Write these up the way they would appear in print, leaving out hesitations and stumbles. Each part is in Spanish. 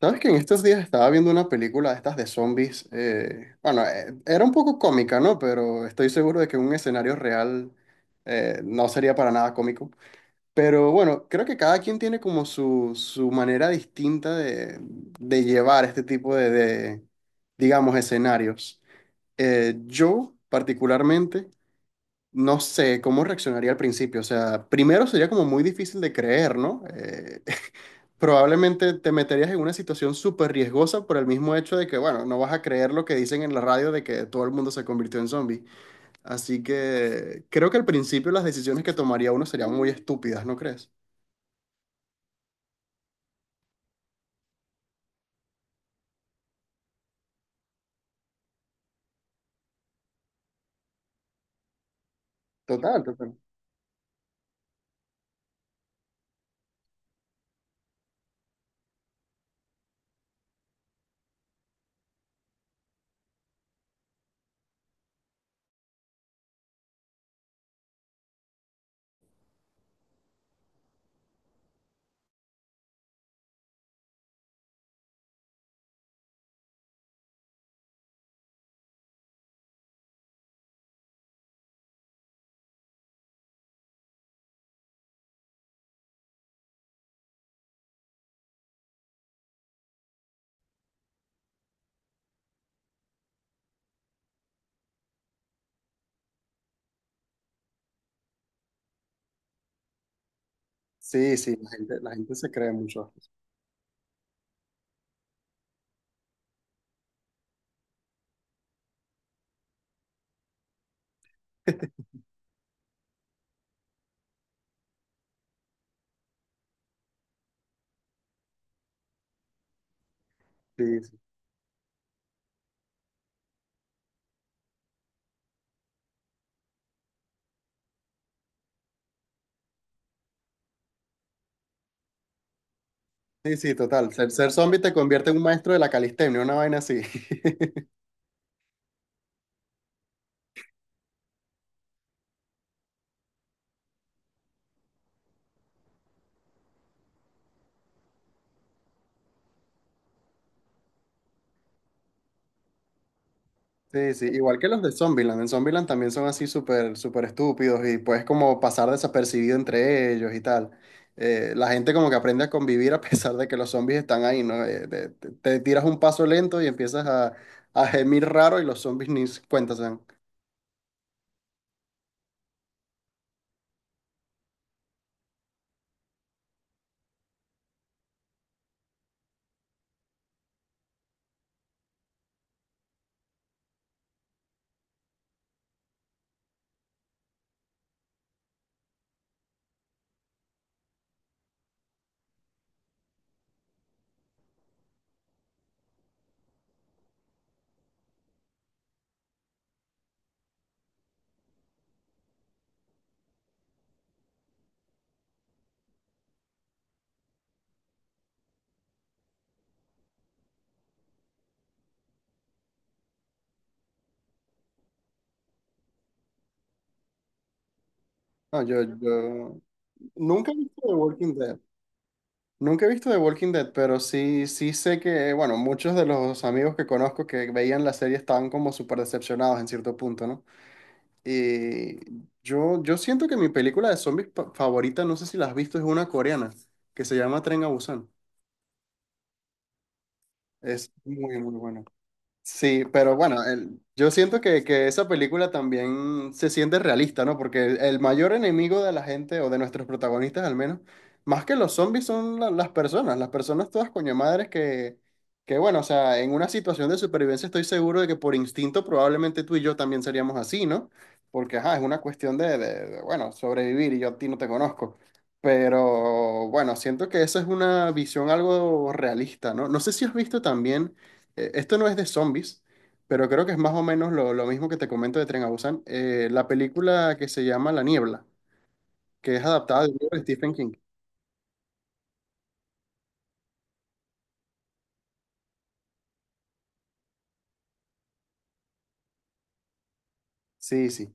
¿Sabes que en estos días estaba viendo una película de estas de zombies? Bueno, era un poco cómica, ¿no? Pero estoy seguro de que un escenario real no sería para nada cómico. Pero bueno, creo que cada quien tiene como su manera distinta de llevar este tipo de, digamos, escenarios. Yo, particularmente, no sé cómo reaccionaría al principio. O sea, primero sería como muy difícil de creer, ¿no? Probablemente te meterías en una situación súper riesgosa por el mismo hecho de que, bueno, no vas a creer lo que dicen en la radio de que todo el mundo se convirtió en zombie. Así que creo que al principio las decisiones que tomaría uno serían muy estúpidas, ¿no crees? Total, total. Sí, sí, la gente se cree mucho. Sí, sí, sí, sí, total. Ser zombie te convierte en un maestro de la calistenia, una vaina así. Sí, sí, igual que los de Zombieland. En Zombieland también son así súper, súper estúpidos y puedes como pasar desapercibido entre ellos y tal. La gente como que aprende a convivir a pesar de que los zombies están ahí, ¿no? Te tiras un paso lento y empiezas a gemir raro y los zombies ni se cuenta se dan. No, yo nunca he visto The Walking Dead. Nunca he visto The Walking Dead, pero sí, sí sé que, bueno, muchos de los amigos que conozco que veían la serie estaban como súper decepcionados en cierto punto, ¿no? Eh, yo siento que mi película de favorita, no sé si la has visto, es una coreana que se llama Tren a Busan. Es muy, muy buena. Sí, pero bueno, yo siento que esa película también se siente realista, ¿no? Porque el mayor enemigo de la gente, o de nuestros protagonistas al menos, más que los zombies son las personas todas coño madres que, bueno, o sea, en una situación de supervivencia estoy seguro de que por instinto probablemente tú y yo también seríamos así, ¿no? Porque, ajá, es una cuestión de, bueno, sobrevivir y yo a ti no te conozco. Pero, bueno, siento que esa es una visión algo realista, ¿no? No sé si has visto también esto no es de zombies, pero creo que es más o menos lo mismo que te comento de Tren a Busan. La película que se llama La Niebla, que es adaptada del libro de Stephen King. Sí, sí.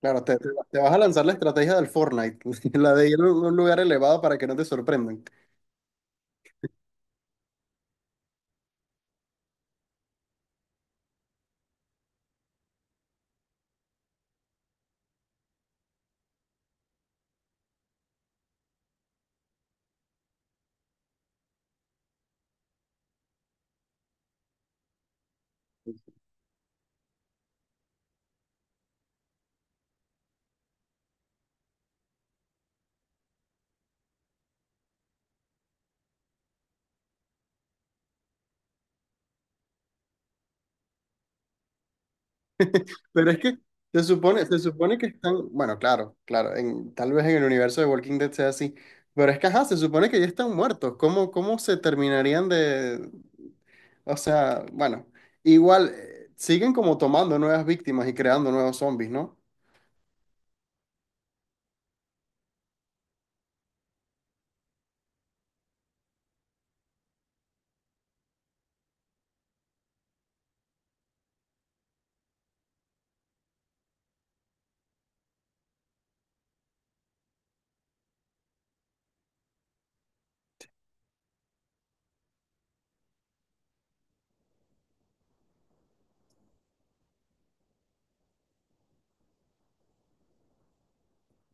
Claro, te vas a lanzar la estrategia del Fortnite, la de ir a un lugar elevado para que no te sorprendan. Pero es que se supone que están, bueno, claro, claro, tal vez en el universo de Walking Dead sea así, pero es que, ajá, se supone que ya están muertos. ¿Cómo, cómo se terminarían de, o sea, bueno, igual siguen como tomando nuevas víctimas y creando nuevos zombies, ¿no?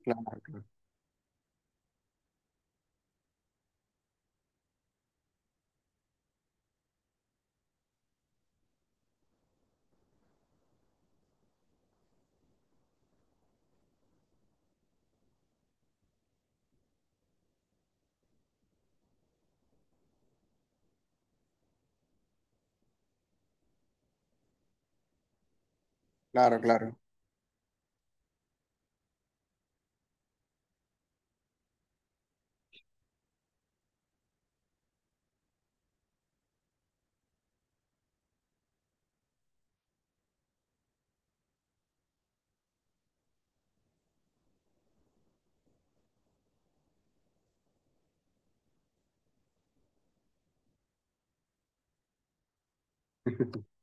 Claro, claro, claro.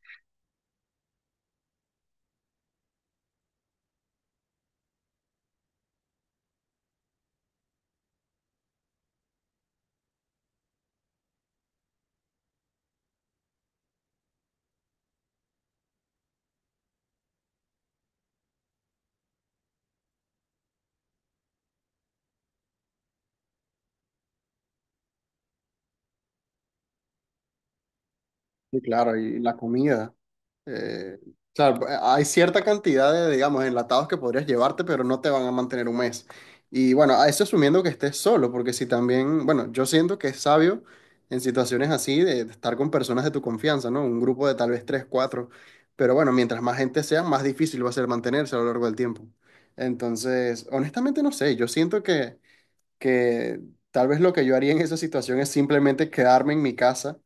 Sí, claro, y la comida. Eh, claro, pues, hay cierta cantidad de, digamos, enlatados que podrías llevarte, pero no te van a mantener un mes. Y bueno, a eso asumiendo que estés solo, porque si también, bueno, yo siento que es sabio en situaciones así de estar con personas de tu confianza, ¿no? Un grupo de tal vez tres, cuatro. Pero bueno, mientras más gente sea, más difícil va a ser mantenerse a lo largo del tiempo. Entonces, honestamente no sé, yo siento que tal vez lo que yo haría en esa situación es simplemente quedarme en mi casa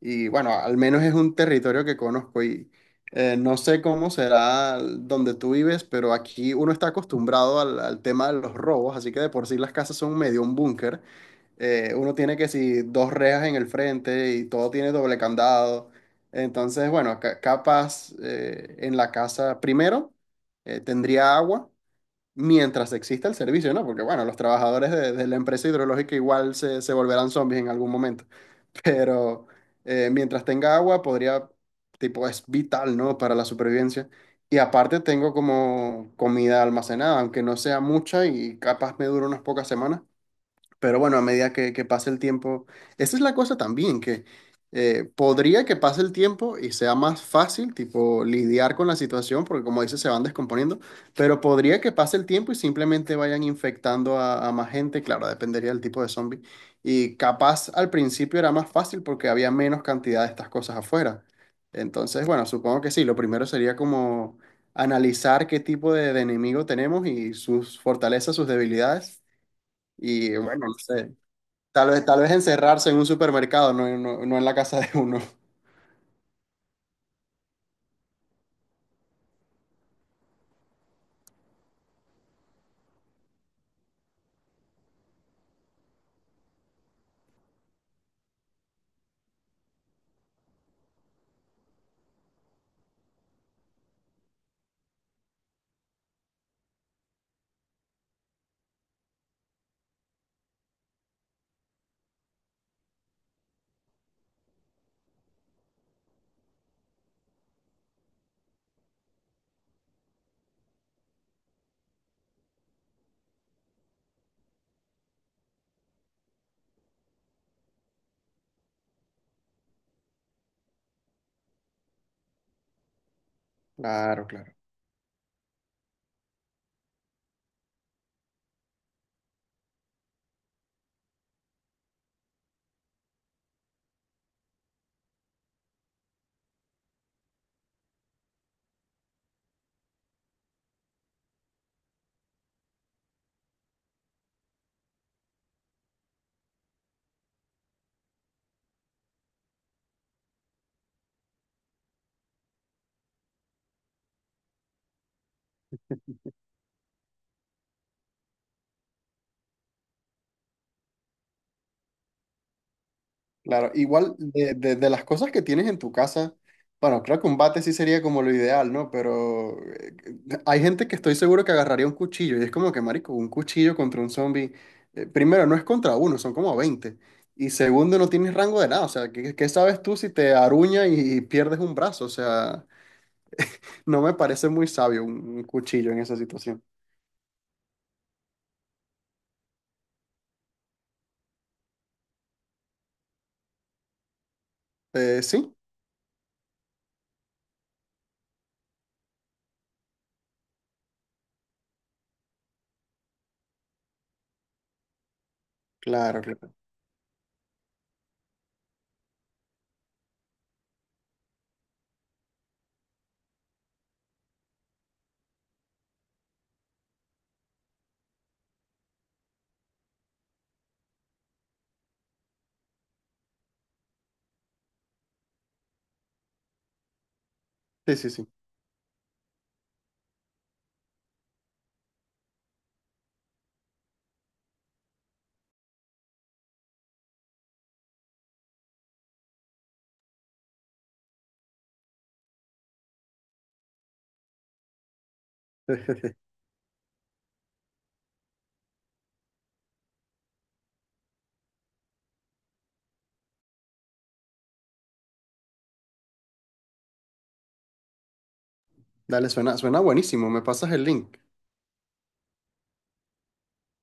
y bueno, al menos es un territorio que conozco y no sé cómo será donde tú vives, pero aquí uno está acostumbrado al, al tema de los robos, así que de por sí las casas son medio un búnker. Uno tiene que si dos rejas en el frente y todo tiene doble candado. Entonces, bueno, capaz en la casa primero tendría agua mientras exista el servicio, ¿no? Porque bueno, los trabajadores de la empresa hidrológica igual se, se volverán zombies en algún momento, pero mientras tenga agua podría, tipo, es vital, ¿no? Para la supervivencia. Y aparte tengo como comida almacenada, aunque no sea mucha y capaz me dure unas pocas semanas, pero bueno, a medida que pase el tiempo, esa es la cosa también, que podría que pase el tiempo y sea más fácil, tipo, lidiar con la situación, porque como dices, se van descomponiendo, pero podría que pase el tiempo y simplemente vayan infectando a más gente, claro, dependería del tipo de zombie. Y capaz al principio era más fácil porque había menos cantidad de estas cosas afuera. Entonces, bueno, supongo que sí, lo primero sería como analizar qué tipo de enemigo tenemos y sus fortalezas, sus debilidades. Y bueno, no sé. Tal vez encerrarse en un supermercado, no, no, no en la casa de uno. Claro, claro. Claro, igual de, de las cosas que tienes en tu casa, bueno, creo que un bate sí sería como lo ideal, ¿no? Pero hay gente que estoy seguro que agarraría un cuchillo y es como que, marico, un cuchillo contra un zombie, primero, no es contra uno, son como 20. Y segundo, no tienes rango de nada, o sea, ¿qué, qué sabes tú si te aruña y pierdes un brazo? O sea, no me parece muy sabio un cuchillo en esa situación. Sí, claro, claro. Sí, sí, sí. Dale, suena, suena buenísimo. Me pasas el link.